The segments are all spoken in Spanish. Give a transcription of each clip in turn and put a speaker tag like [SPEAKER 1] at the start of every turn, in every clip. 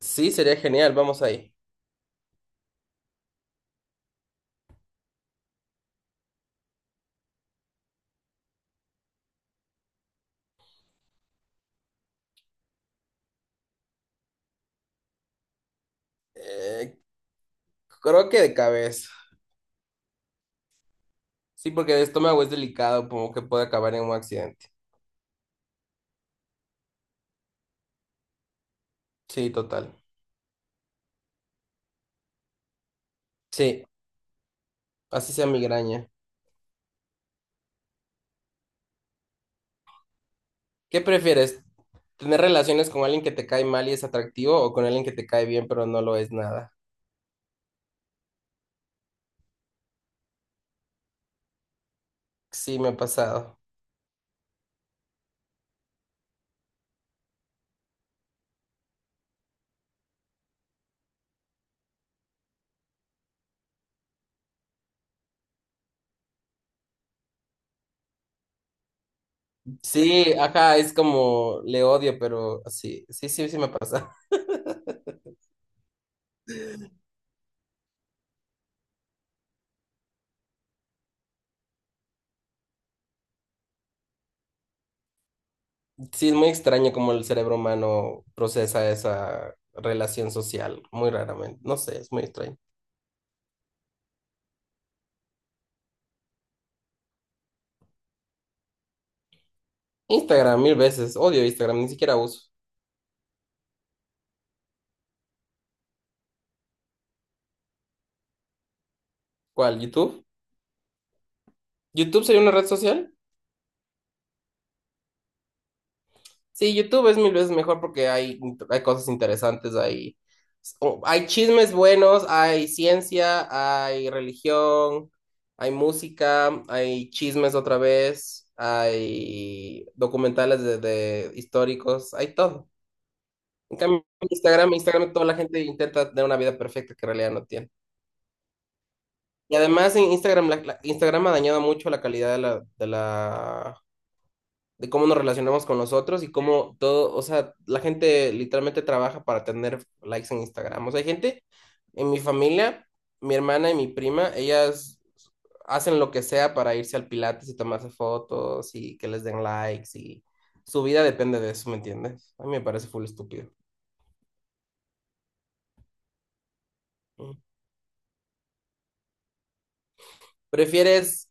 [SPEAKER 1] Sí, sería genial, vamos ahí. Eh, Creo que de cabeza. Sí, porque el estómago es delicado, como que puede acabar en un accidente. Sí, total. Sí, así sea migraña. ¿Qué prefieres? ¿Tener relaciones con alguien que te cae mal y es atractivo o con alguien que te cae bien pero no lo es nada? Sí, me ha pasado. Sí, ajá, es como le odio, pero sí, sí, sí, sí me pasa. Sí, es muy extraño cómo el cerebro humano procesa esa relación social, muy raramente. No sé, es muy extraño. Instagram, mil veces. Odio Instagram, ni siquiera uso. ¿Cuál? ¿YouTube? ¿YouTube sería una red social? Sí, YouTube es mil veces mejor porque hay, hay cosas interesantes, hay, hay chismes buenos, hay ciencia, hay religión, hay música, hay chismes otra vez, hay documentales de históricos, hay todo. En cambio, Instagram, toda la gente intenta tener una vida perfecta que en realidad no tiene. Y además en Instagram, Instagram ha dañado mucho la calidad de cómo nos relacionamos con los otros y cómo todo, o sea, la gente literalmente trabaja para tener likes en Instagram. O sea, hay gente en mi familia, mi hermana y mi prima, ellas hacen lo que sea para irse al Pilates y tomarse fotos y que les den likes y su vida depende de eso, ¿me entiendes? A mí me parece full estúpido. Prefieres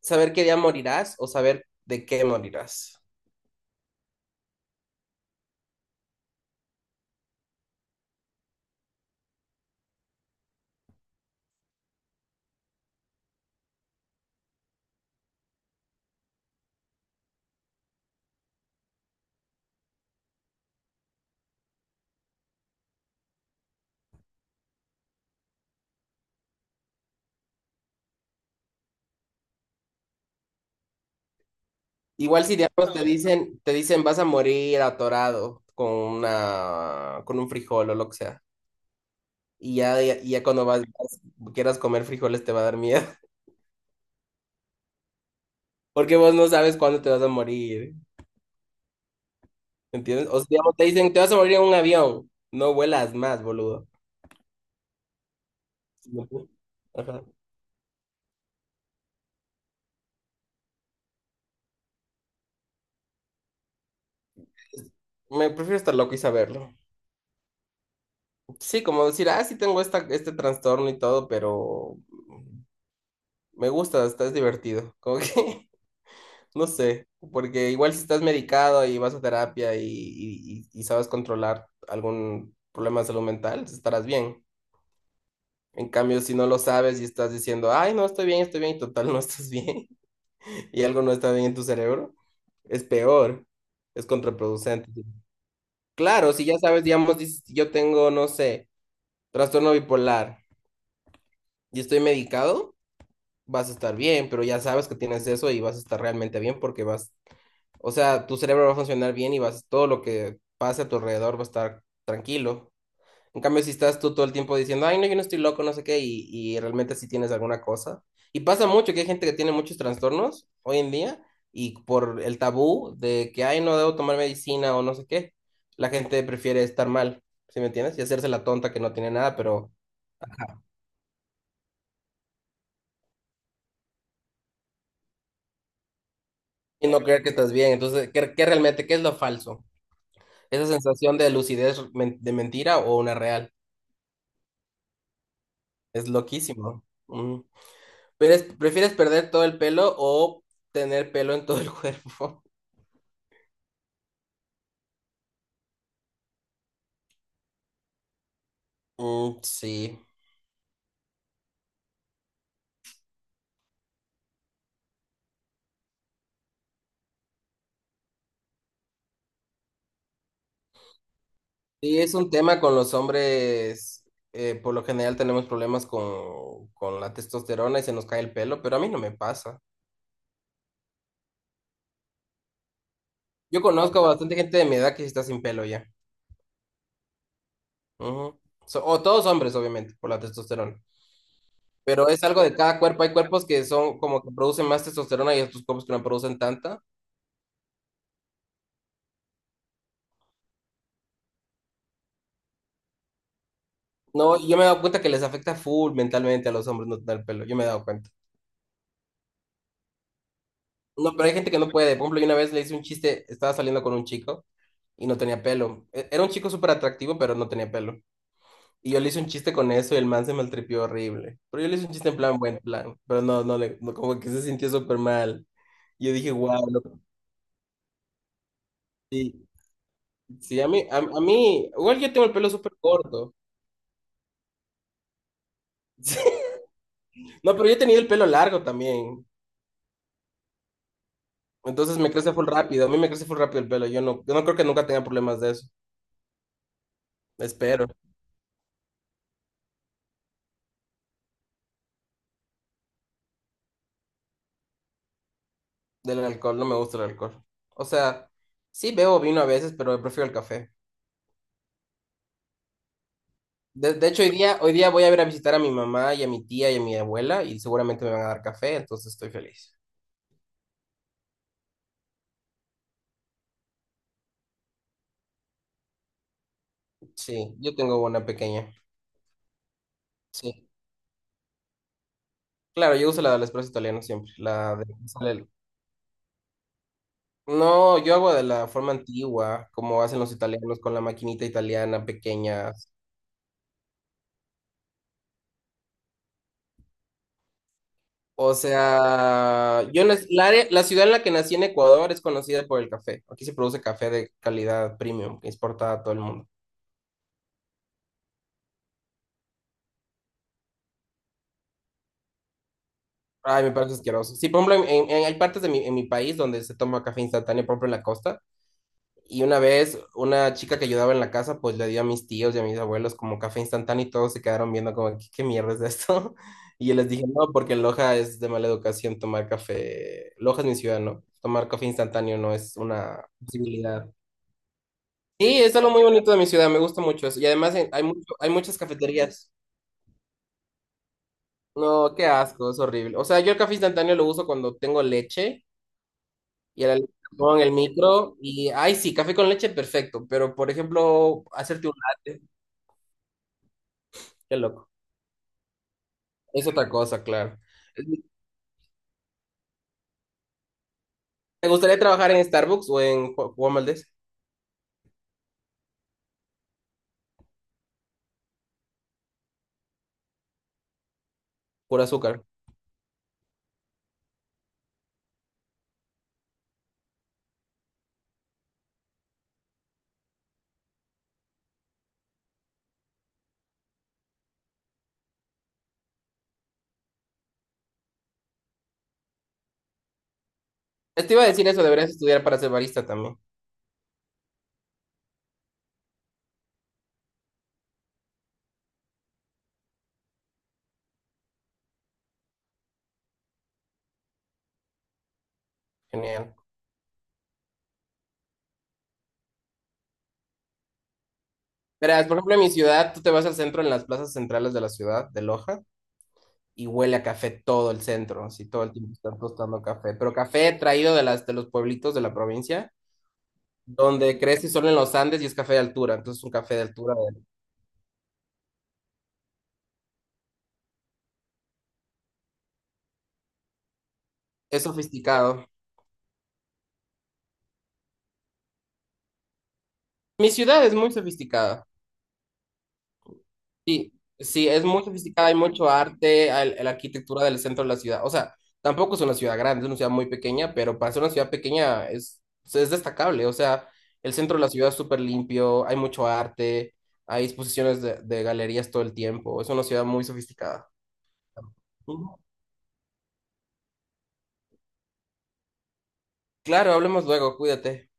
[SPEAKER 1] saber qué día morirás o saber de qué morirás? Igual si diablos te dicen vas a morir atorado con una, con un frijol o lo que sea. Y ya cuando vas, quieras comer frijoles te va a dar miedo. Porque vos no sabes cuándo te vas a morir. ¿Entiendes? O si digamos, te dicen te vas a morir en un avión. No vuelas más, boludo. Ajá. Me prefiero estar loco y saberlo. Sí, como decir, ah, sí tengo este trastorno y todo, pero me gusta, está, es divertido. Como que no sé, porque igual si estás medicado y vas a terapia y sabes controlar algún problema de salud mental, estarás bien. En cambio, si no lo sabes y estás diciendo, ay, no, estoy bien, y total, no estás bien, y algo no está bien en tu cerebro, es peor, es contraproducente. Claro, si ya sabes, digamos, dices, yo tengo, no sé, trastorno bipolar y estoy medicado, vas a estar bien, pero ya sabes que tienes eso y vas a estar realmente bien porque vas. O sea, tu cerebro va a funcionar bien y vas, todo lo que pase a tu alrededor va a estar tranquilo. En cambio, si estás tú todo el tiempo diciendo, ay, no, yo no estoy loco, no sé qué, y realmente sí tienes alguna cosa. Y pasa mucho que hay gente que tiene muchos trastornos hoy en día y por el tabú de que, ay, no debo tomar medicina o no sé qué, la gente prefiere estar mal, ¿sí me entiendes? Y hacerse la tonta que no tiene nada, pero y no creer que estás bien. Entonces, ¿qué, qué realmente, qué es lo falso? Esa sensación de lucidez de mentira o una real. Es loquísimo. Mm. ¿Prefieres perder todo el pelo o tener pelo en todo el cuerpo? Mm, sí. Sí, es un tema con los hombres. Por lo general tenemos problemas con la testosterona y se nos cae el pelo, pero a mí no me pasa. Yo conozco bastante gente de mi edad que sí está sin pelo ya. Ujú. O todos hombres, obviamente, por la testosterona. Pero es algo de cada cuerpo. Hay cuerpos que son como que producen más testosterona y otros cuerpos que no producen tanta. No, yo me he dado cuenta que les afecta full mentalmente a los hombres no tener pelo. Yo me he dado cuenta. No, pero hay gente que no puede. Por ejemplo, yo una vez le hice un chiste, estaba saliendo con un chico y no tenía pelo. Era un chico súper atractivo, pero no tenía pelo. Y yo le hice un chiste con eso y el man se maltripió horrible. Pero yo le hice un chiste en plan, buen plan. Pero no, no, le, no, como que se sintió súper mal. Y yo dije, wow, no. Sí, sí, a mí, igual yo tengo el pelo súper corto. No, pero yo he tenido el pelo largo también. Entonces me crece full rápido. A mí me crece full rápido el pelo. Yo no creo que nunca tenga problemas de eso. Espero. Del alcohol, no me gusta el alcohol. O sea, sí bebo vino a veces, pero prefiero el café. De hecho, hoy día, voy a ir a visitar a mi mamá y a mi tía y a mi abuela y seguramente me van a dar café, entonces estoy feliz. Sí, yo tengo una pequeña. Sí. Claro, yo uso la del espresso italiano siempre, la de... No, yo hago de la forma antigua, como hacen los italianos con la maquinita italiana pequeña. O sea, la, la ciudad en la que nací en Ecuador es conocida por el café. Aquí se produce café de calidad premium que exporta a todo el mundo. Ay, me parece asqueroso. Sí, por ejemplo, hay partes de mi, en mi país donde se toma café instantáneo, por ejemplo, en la costa. Y una vez, una chica que ayudaba en la casa, pues le dio a mis tíos y a mis abuelos como café instantáneo y todos se quedaron viendo como, ¿qué, qué mierda es esto? Y yo les dije, no, porque en Loja es de mala educación tomar café. Loja es mi ciudad, ¿no? Tomar café instantáneo no es una posibilidad. Sí, es algo muy bonito de mi ciudad, me gusta mucho eso. Y además hay mucho, hay muchas cafeterías. No, qué asco, es horrible. O sea, yo el café instantáneo lo uso cuando tengo leche y a la leche la pongo en el micro y, ay, sí, café con leche, perfecto. Pero, por ejemplo, hacerte un latte, qué loco. Es otra cosa, claro. ¿Te gustaría trabajar en Starbucks o en Juan Valdez? Por azúcar. Te iba a decir eso, deberías estudiar para ser barista también. Genial. Verás, por ejemplo, en mi ciudad, tú te vas al centro, en las plazas centrales de la ciudad, de Loja. Y huele a café todo el centro, así todo el tiempo están tostando café, pero café traído de las de los pueblitos de la provincia, donde crece solo en los Andes y es café de altura, entonces es un café de altura, es sofisticado. Mi ciudad es muy sofisticada. Sí, sí, es muy sofisticada, hay mucho arte, la arquitectura del centro de la ciudad. O sea, tampoco es una ciudad grande, es una ciudad muy pequeña, pero para ser una ciudad pequeña es destacable. O sea, el centro de la ciudad es súper limpio, hay mucho arte, hay exposiciones de galerías todo el tiempo. Es una ciudad muy sofisticada. Ujú. Claro, hablemos luego, cuídate.